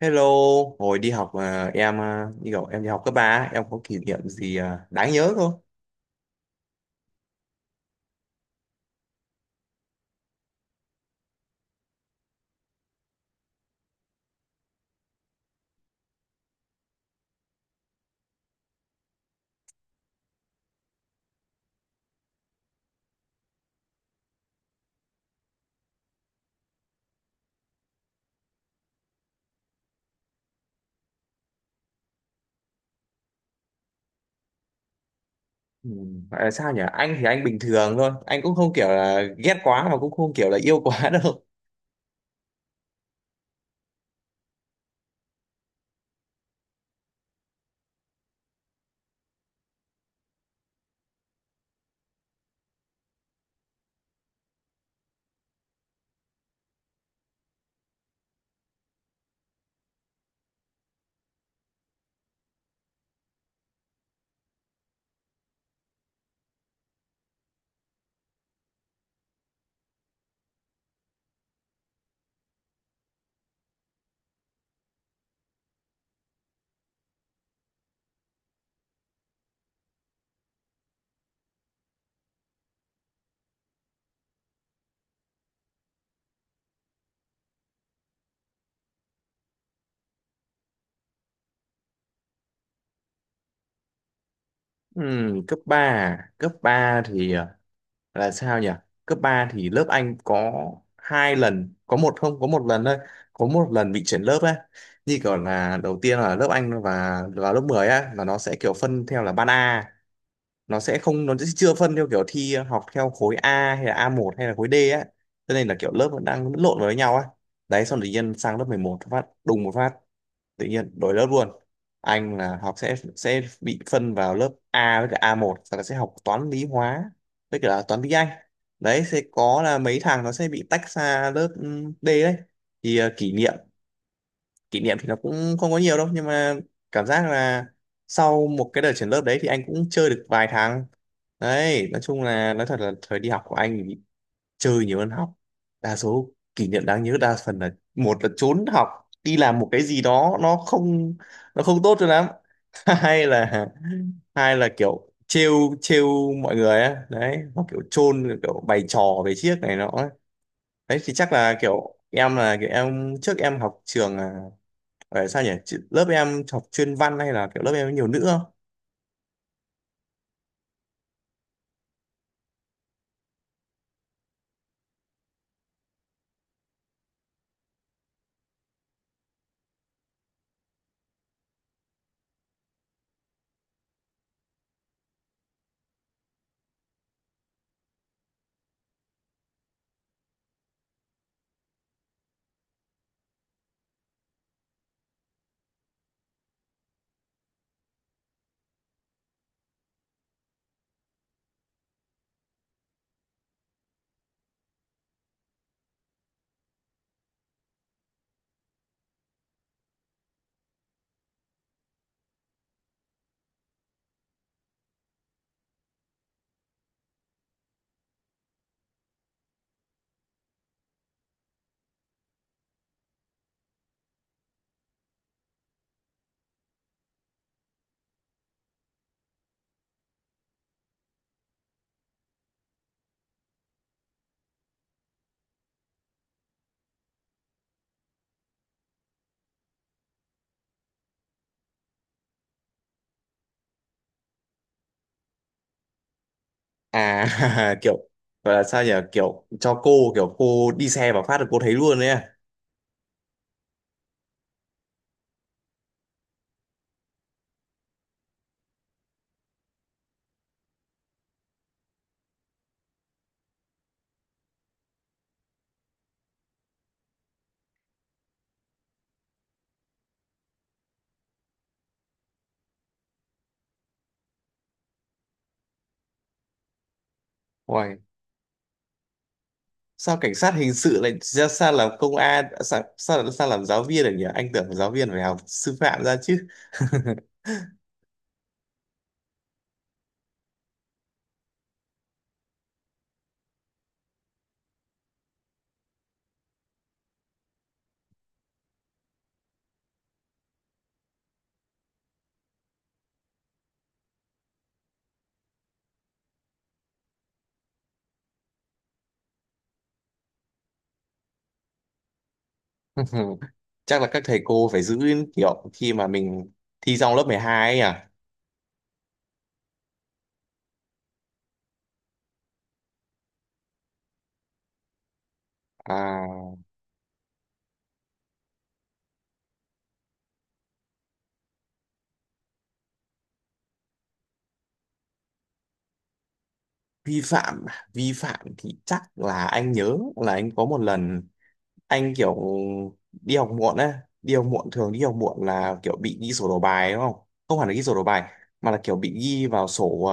Hello, hồi đi học à, em à, đi học em đi học cấp ba, em có kỷ niệm gì đáng nhớ không? Ừ, gọi là sao nhỉ? Anh thì anh bình thường thôi, anh cũng không kiểu là ghét quá mà cũng không kiểu là yêu quá đâu. Ừ, cấp 3, à? Cấp 3 thì à, là sao nhỉ? Cấp 3 thì lớp anh có hai lần, có một không, có một lần bị chuyển lớp ấy. Như kiểu là đầu tiên là lớp anh và vào lớp 10 á, là nó sẽ kiểu phân theo là ban A, nó sẽ chưa phân theo kiểu thi học theo khối A hay là a một hay là khối D á, cho nên là kiểu lớp vẫn đang lẫn lộn với nhau á. Đấy, xong tự nhiên sang lớp mười một, phát đùng một phát tự nhiên đổi lớp luôn. Anh là học sẽ bị phân vào lớp A với cả a một, sau đó sẽ học toán lý hóa với cả toán tiếng Anh. Đấy, sẽ có là mấy thằng nó sẽ bị tách ra lớp D. Đấy thì kỷ niệm thì nó cũng không có nhiều đâu, nhưng mà cảm giác là sau một cái đợt chuyển lớp đấy thì anh cũng chơi được vài tháng. Đấy nói chung là, nói thật là thời đi học của anh thì chơi nhiều hơn học. Đa số kỷ niệm đáng nhớ đa phần là một là trốn học đi làm một cái gì đó nó không tốt cho lắm. Hay là, hay là kiểu trêu trêu mọi người á, đấy, hoặc kiểu chôn kiểu bày trò về chiếc này nọ ấy. Đấy thì chắc là kiểu em trước em học trường sao nhỉ? Lớp em học chuyên văn hay là kiểu lớp em có nhiều nữ không? à kiểu gọi là sao nhỉ, kiểu cho cô, kiểu cô đi xe vào phát là cô thấy luôn đấy à? Uầy, sao cảnh sát hình sự lại ra sao làm công an, sao sao, sao làm giáo viên được nhỉ? Anh tưởng giáo viên phải học sư phạm ra chứ. Chắc là các thầy cô phải giữ kiểu khi mà mình thi xong lớp 12 ấy à. À, vi phạm à? Vi phạm thì chắc là anh nhớ là anh có một lần anh kiểu đi học muộn á. Đi học muộn là kiểu bị ghi sổ đầu bài đúng không? Không hẳn là ghi sổ đầu bài, mà là kiểu bị ghi vào sổ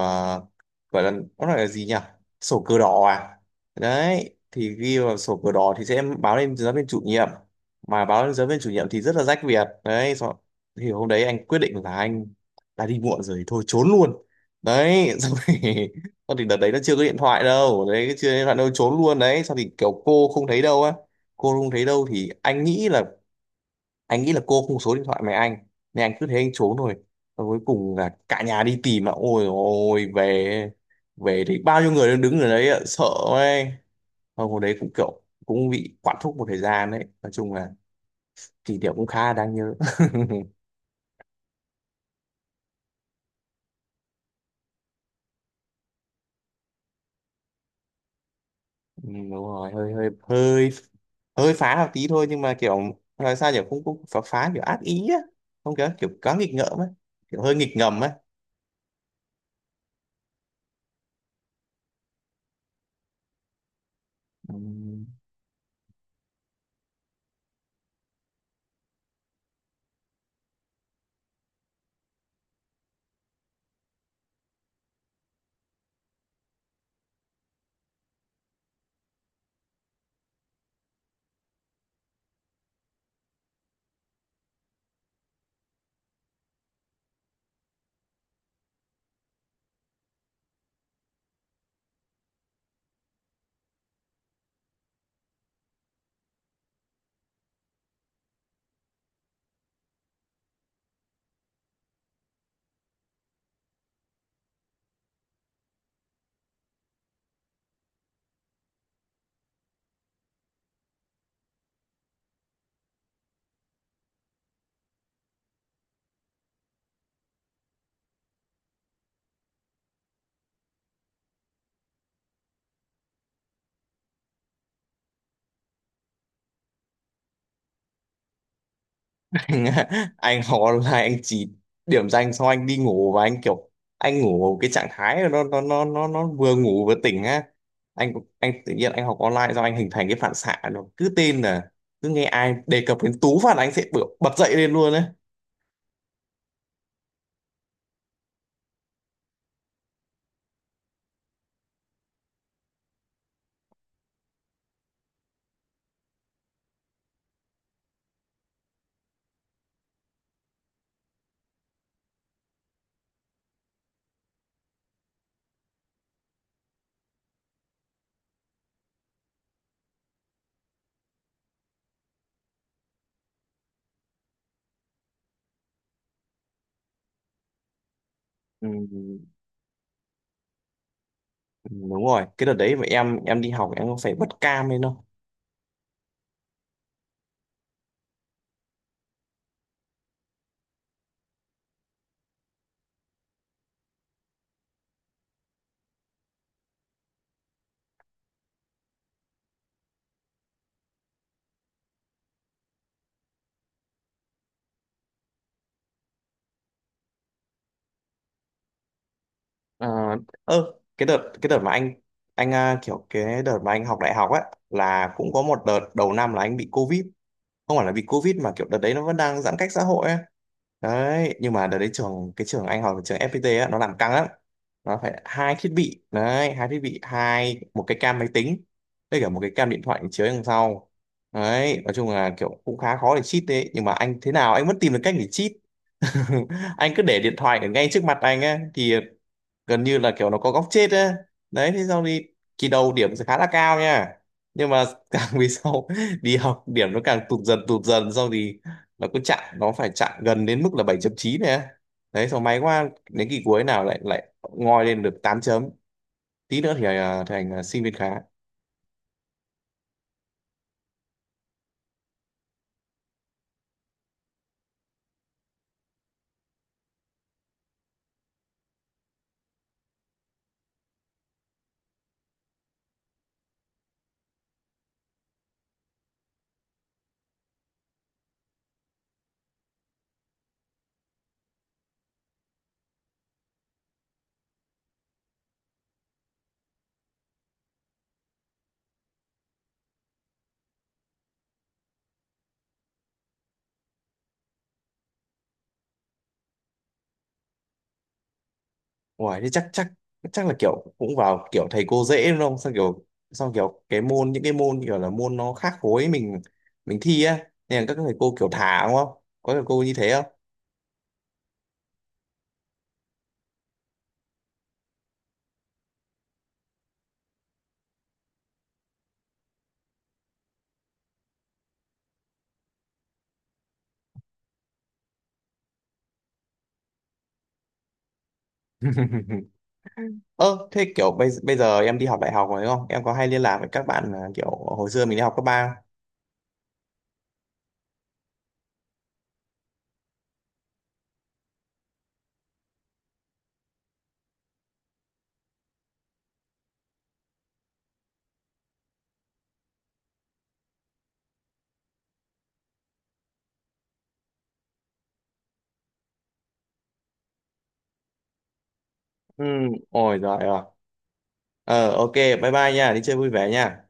gọi là, nó gọi là gì nhỉ, sổ cờ đỏ à. Đấy thì ghi vào sổ cờ đỏ thì sẽ báo lên giáo viên chủ nhiệm, mà báo lên giáo viên chủ nhiệm thì rất là rách việc. Đấy xong- thì hôm đấy anh quyết định là anh đã đi muộn rồi thì thôi trốn luôn. Đấy xong thì xong thì đợt đấy nó chưa có điện thoại đâu, đấy chưa có điện thoại đâu, trốn luôn đấy. Xong thì kiểu cô không thấy đâu á, cô không thấy đâu thì anh nghĩ là cô không số điện thoại mẹ anh, nên anh cứ thế anh trốn rồi. Và cuối cùng là cả nhà đi tìm, mà ôi ôi về, về thì bao nhiêu người đang đứng ở đấy ạ, sợ ấy. Xong hồi đấy cũng kiểu cũng bị quản thúc một thời gian. Đấy nói chung là kỷ niệm cũng khá là đáng nhớ. Ừ, đúng rồi, hơi hơi hơi hơi phá một tí thôi, nhưng mà kiểu nói sao, kiểu cũng cũng phá phá kiểu ác ý á, không kiểu, kiểu quá nghịch ngợm ấy, kiểu hơi nghịch ngầm ấy. Ừ. Anh khó là anh chỉ điểm danh xong anh đi ngủ, và anh kiểu anh ngủ cái trạng thái nó vừa ngủ vừa tỉnh á. Anh anh tự nhiên anh học online, do anh hình thành cái phản xạ nó cứ tên là cứ nghe ai đề cập đến Tú phạt là anh sẽ bật dậy lên luôn đấy. ừ, ừ, đúng rồi, cái đợt đấy mà em đi học em có phải bật cam lên đâu. ờ ơ, cái đợt mà anh kiểu cái đợt mà anh học đại học á, là cũng có một đợt đầu năm là anh bị covid. Không phải là vì covid mà kiểu đợt đấy nó vẫn đang giãn cách xã hội ấy. Đấy nhưng mà đợt đấy trường, cái trường anh học là trường FPT á, nó làm căng lắm. Nó phải hai thiết bị đấy, hai thiết bị hai một cái cam máy tính với cả một cái cam điện thoại chiếu đằng sau. Đấy nói chung là kiểu cũng khá khó để cheat, đấy nhưng mà anh thế nào anh vẫn tìm được cách để cheat. Anh cứ để điện thoại ở ngay trước mặt anh á, thì gần như là kiểu nó có góc chết ấy. Đấy thế xong đi, kỳ đầu điểm sẽ khá là cao nha, nhưng mà càng về sau đi học điểm nó càng tụt dần xong thì nó phải chặn gần đến mức là bảy chấm chín này á. Đấy xong may quá đến kỳ cuối nào lại lại ngoi lên được 8 chấm, tí nữa thì thành sinh viên khá. Ủa, thế chắc chắc chắc là kiểu cũng vào kiểu thầy cô dễ đúng không? Sao kiểu, cái môn, những cái môn kiểu là môn nó khác khối mình thi á, nên là các thầy cô kiểu thả đúng không, có thầy cô như thế. Ơ thế kiểu bây bây giờ em đi học đại học rồi đúng không? Em có hay liên lạc với các bạn kiểu hồi xưa mình đi học cấp ba không? Ừ, ôi giời ơi. Ờ ok, bye bye nha, đi chơi vui vẻ nha.